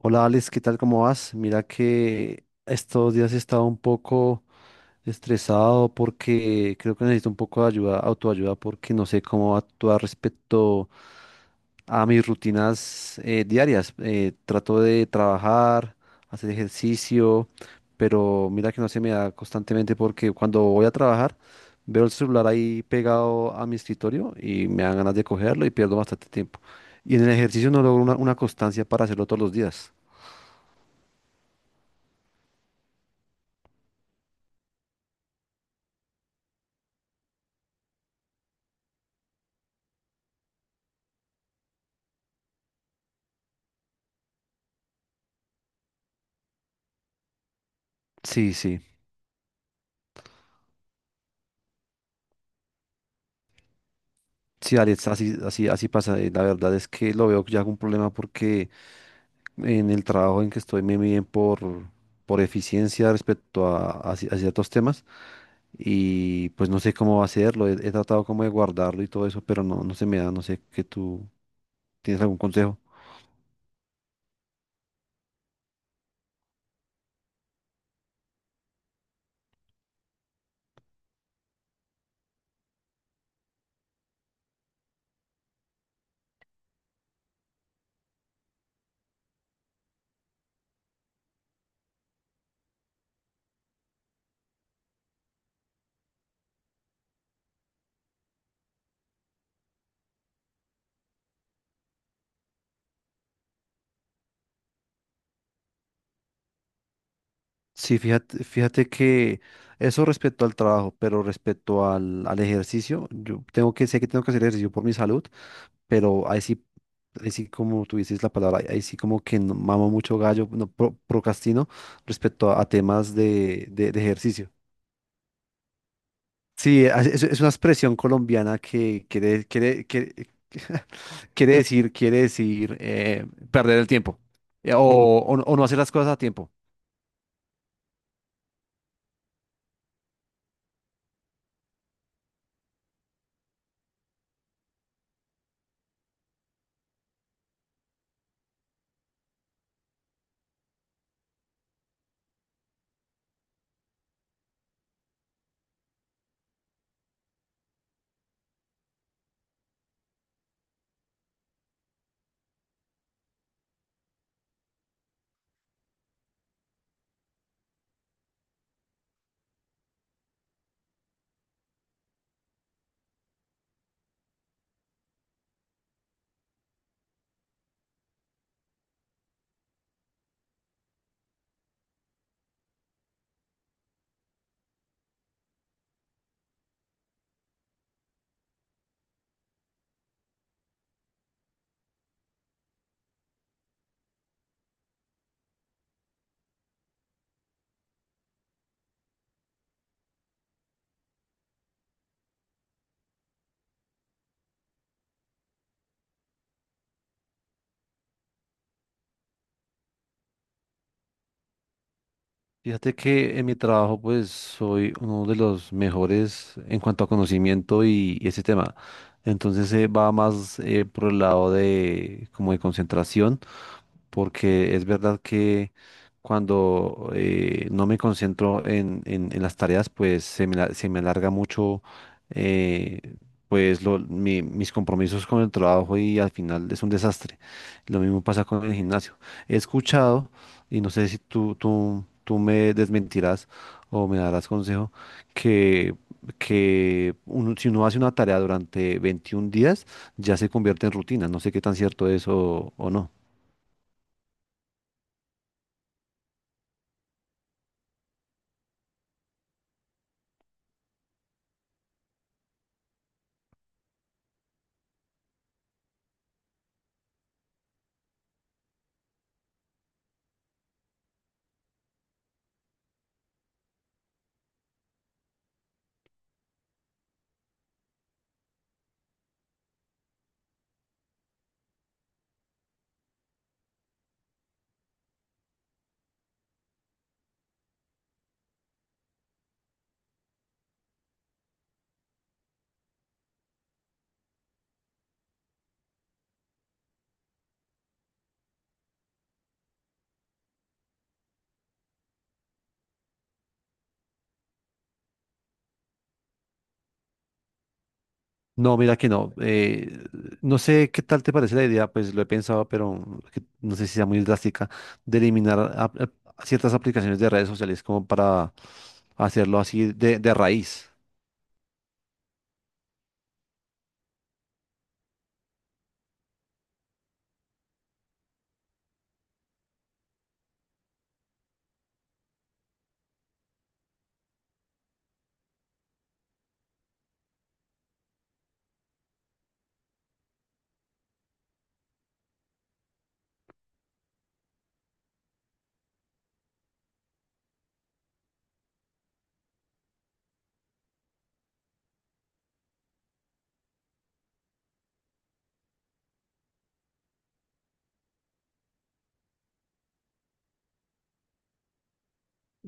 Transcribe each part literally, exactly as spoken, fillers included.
Hola Alex, ¿qué tal? ¿Cómo vas? Mira que estos días he estado un poco estresado porque creo que necesito un poco de ayuda, autoayuda, porque no sé cómo actuar respecto a mis rutinas eh, diarias. Eh, trato de trabajar, hacer ejercicio, pero mira que no se me da constantemente porque cuando voy a trabajar veo el celular ahí pegado a mi escritorio y me dan ganas de cogerlo y pierdo bastante tiempo. Y en el ejercicio no logro una una constancia para hacerlo todos los días. Sí, sí. Sí, Alex, así, así, así pasa. eh, La verdad es que lo veo ya como un problema porque en el trabajo en que estoy me miden por, por eficiencia respecto a, a ci- a ciertos temas y pues no sé cómo hacerlo. He, he tratado como de guardarlo y todo eso, pero no, no se me da. No sé que tú tienes algún consejo. Sí, fíjate, fíjate que eso respecto al trabajo, pero respecto al, al ejercicio, yo tengo que, sé que tengo que hacer ejercicio por mi salud, pero ahí sí, ahí sí como tú dices la palabra, ahí ahí sí como que no- mamo mucho gallo, no, pro- procrastino respecto a, a temas de, de, de ejercicio. Sí, a- es, es una expresión colombiana que quiere, quiere, quiere, quiere decir, quiere decir eh, perder el tiempo eh, o, o no o no hacer las cosas a tiempo. Fíjate que en mi trabajo pues soy uno de los mejores en cuanto a conocimiento y, y ese tema. Entonces eh, va más eh, por el lado de como de concentración porque es verdad que cuando eh, no me concentro en, en- en las tareas, pues se me, la- se me alarga mucho eh, pues lo- mi- mis compromisos con el trabajo y al final es un desastre. Lo mismo pasa con el gimnasio. He escuchado, y no sé si tú, tú, tú me desmentirás o me darás consejo, que, que uno- si uno hace una tarea durante veintiún días, ya se convierte en rutina. No sé qué tan cierto es o o no. No, mira que no. Eh, no sé qué tal te parece la idea, pues lo he pensado, pero que no sé si sea muy drástica, de eliminar a- a ciertas aplicaciones de redes sociales como para hacerlo así de, de raíz.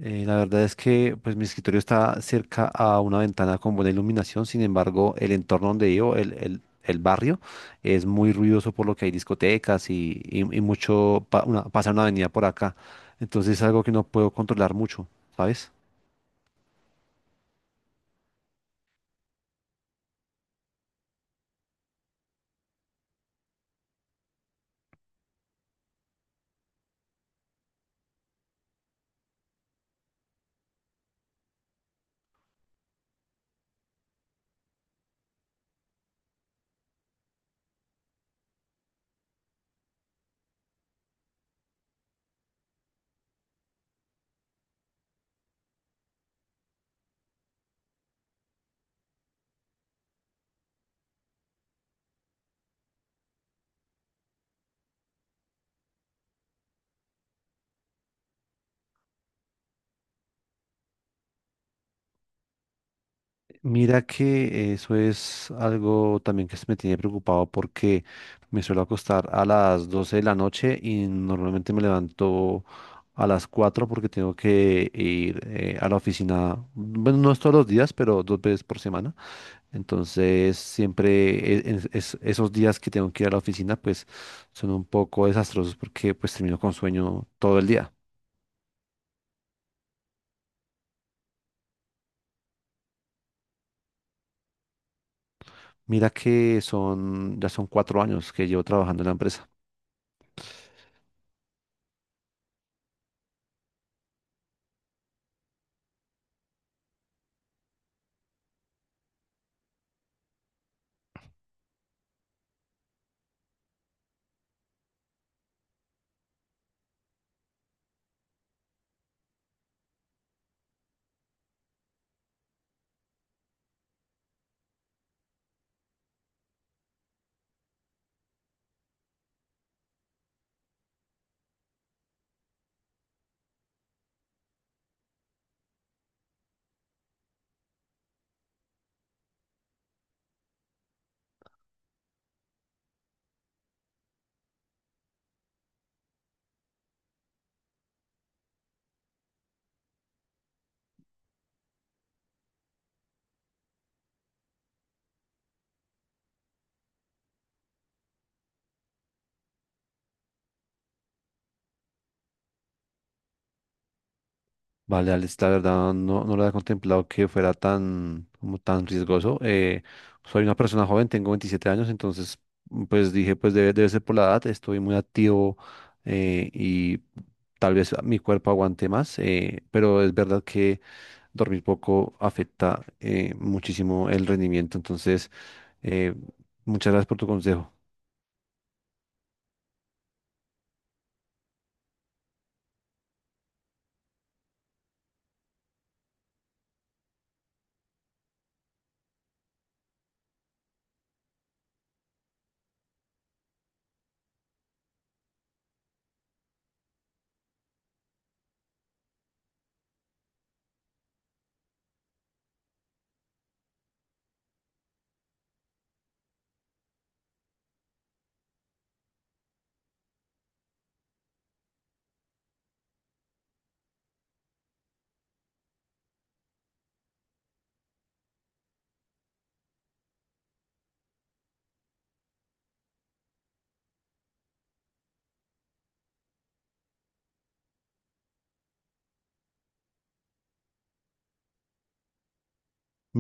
Eh, la verdad es que pues mi escritorio está cerca a una ventana con buena iluminación, sin embargo, el entorno donde vivo, el, el- el barrio, es muy ruidoso por lo que hay discotecas y, y- y mucho, pa- una- pasa una avenida por acá. Entonces es algo que no puedo controlar mucho, ¿sabes? Mira que eso es algo también que me tiene preocupado porque me suelo acostar a las doce de la noche y normalmente me levanto a las cuatro porque tengo que ir eh, a la oficina, bueno, no es todos los días, pero dos veces por semana. Entonces, siempre e- en- es- esos días que tengo que ir a la oficina, pues son un poco desastrosos porque pues termino con sueño todo el día. Mira que son, ya son cuatro años que llevo trabajando en la empresa. Vale, Alex, la verdad no, no lo había contemplado que fuera tan, como tan riesgoso. Eh, soy una persona joven, tengo veintisiete años, entonces mm, pues dije, pues debe, debe ser por la edad, estoy muy activo eh, y tal vez mi cuerpo aguante más, eh, pero es verdad que dormir poco afecta eh, muchísimo el rendimiento, entonces eh, muchas gracias por tu consejo.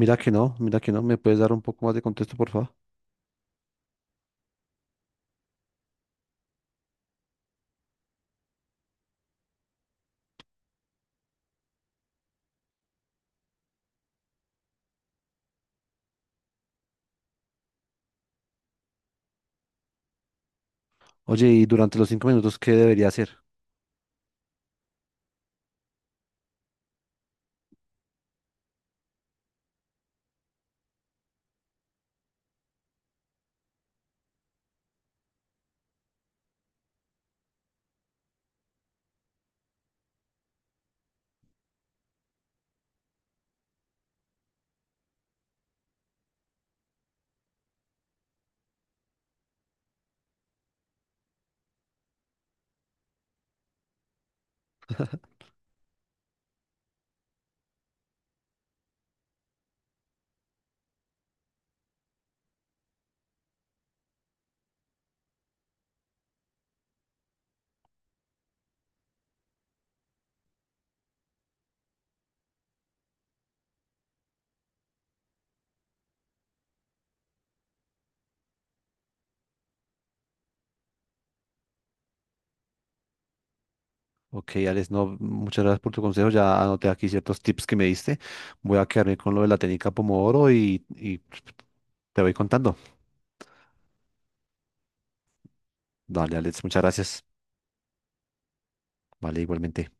Mira que no, mira que no, ¿me puedes dar un poco más de contexto, por favor? Oye, y durante los cinco minutos, ¿qué debería hacer? Ok, Alex, no, muchas gracias por tu consejo. Ya anoté aquí ciertos tips que me diste. Voy a quedarme con lo de la técnica Pomodoro y, y te voy contando. Dale, Alex, muchas gracias. Vale, igualmente.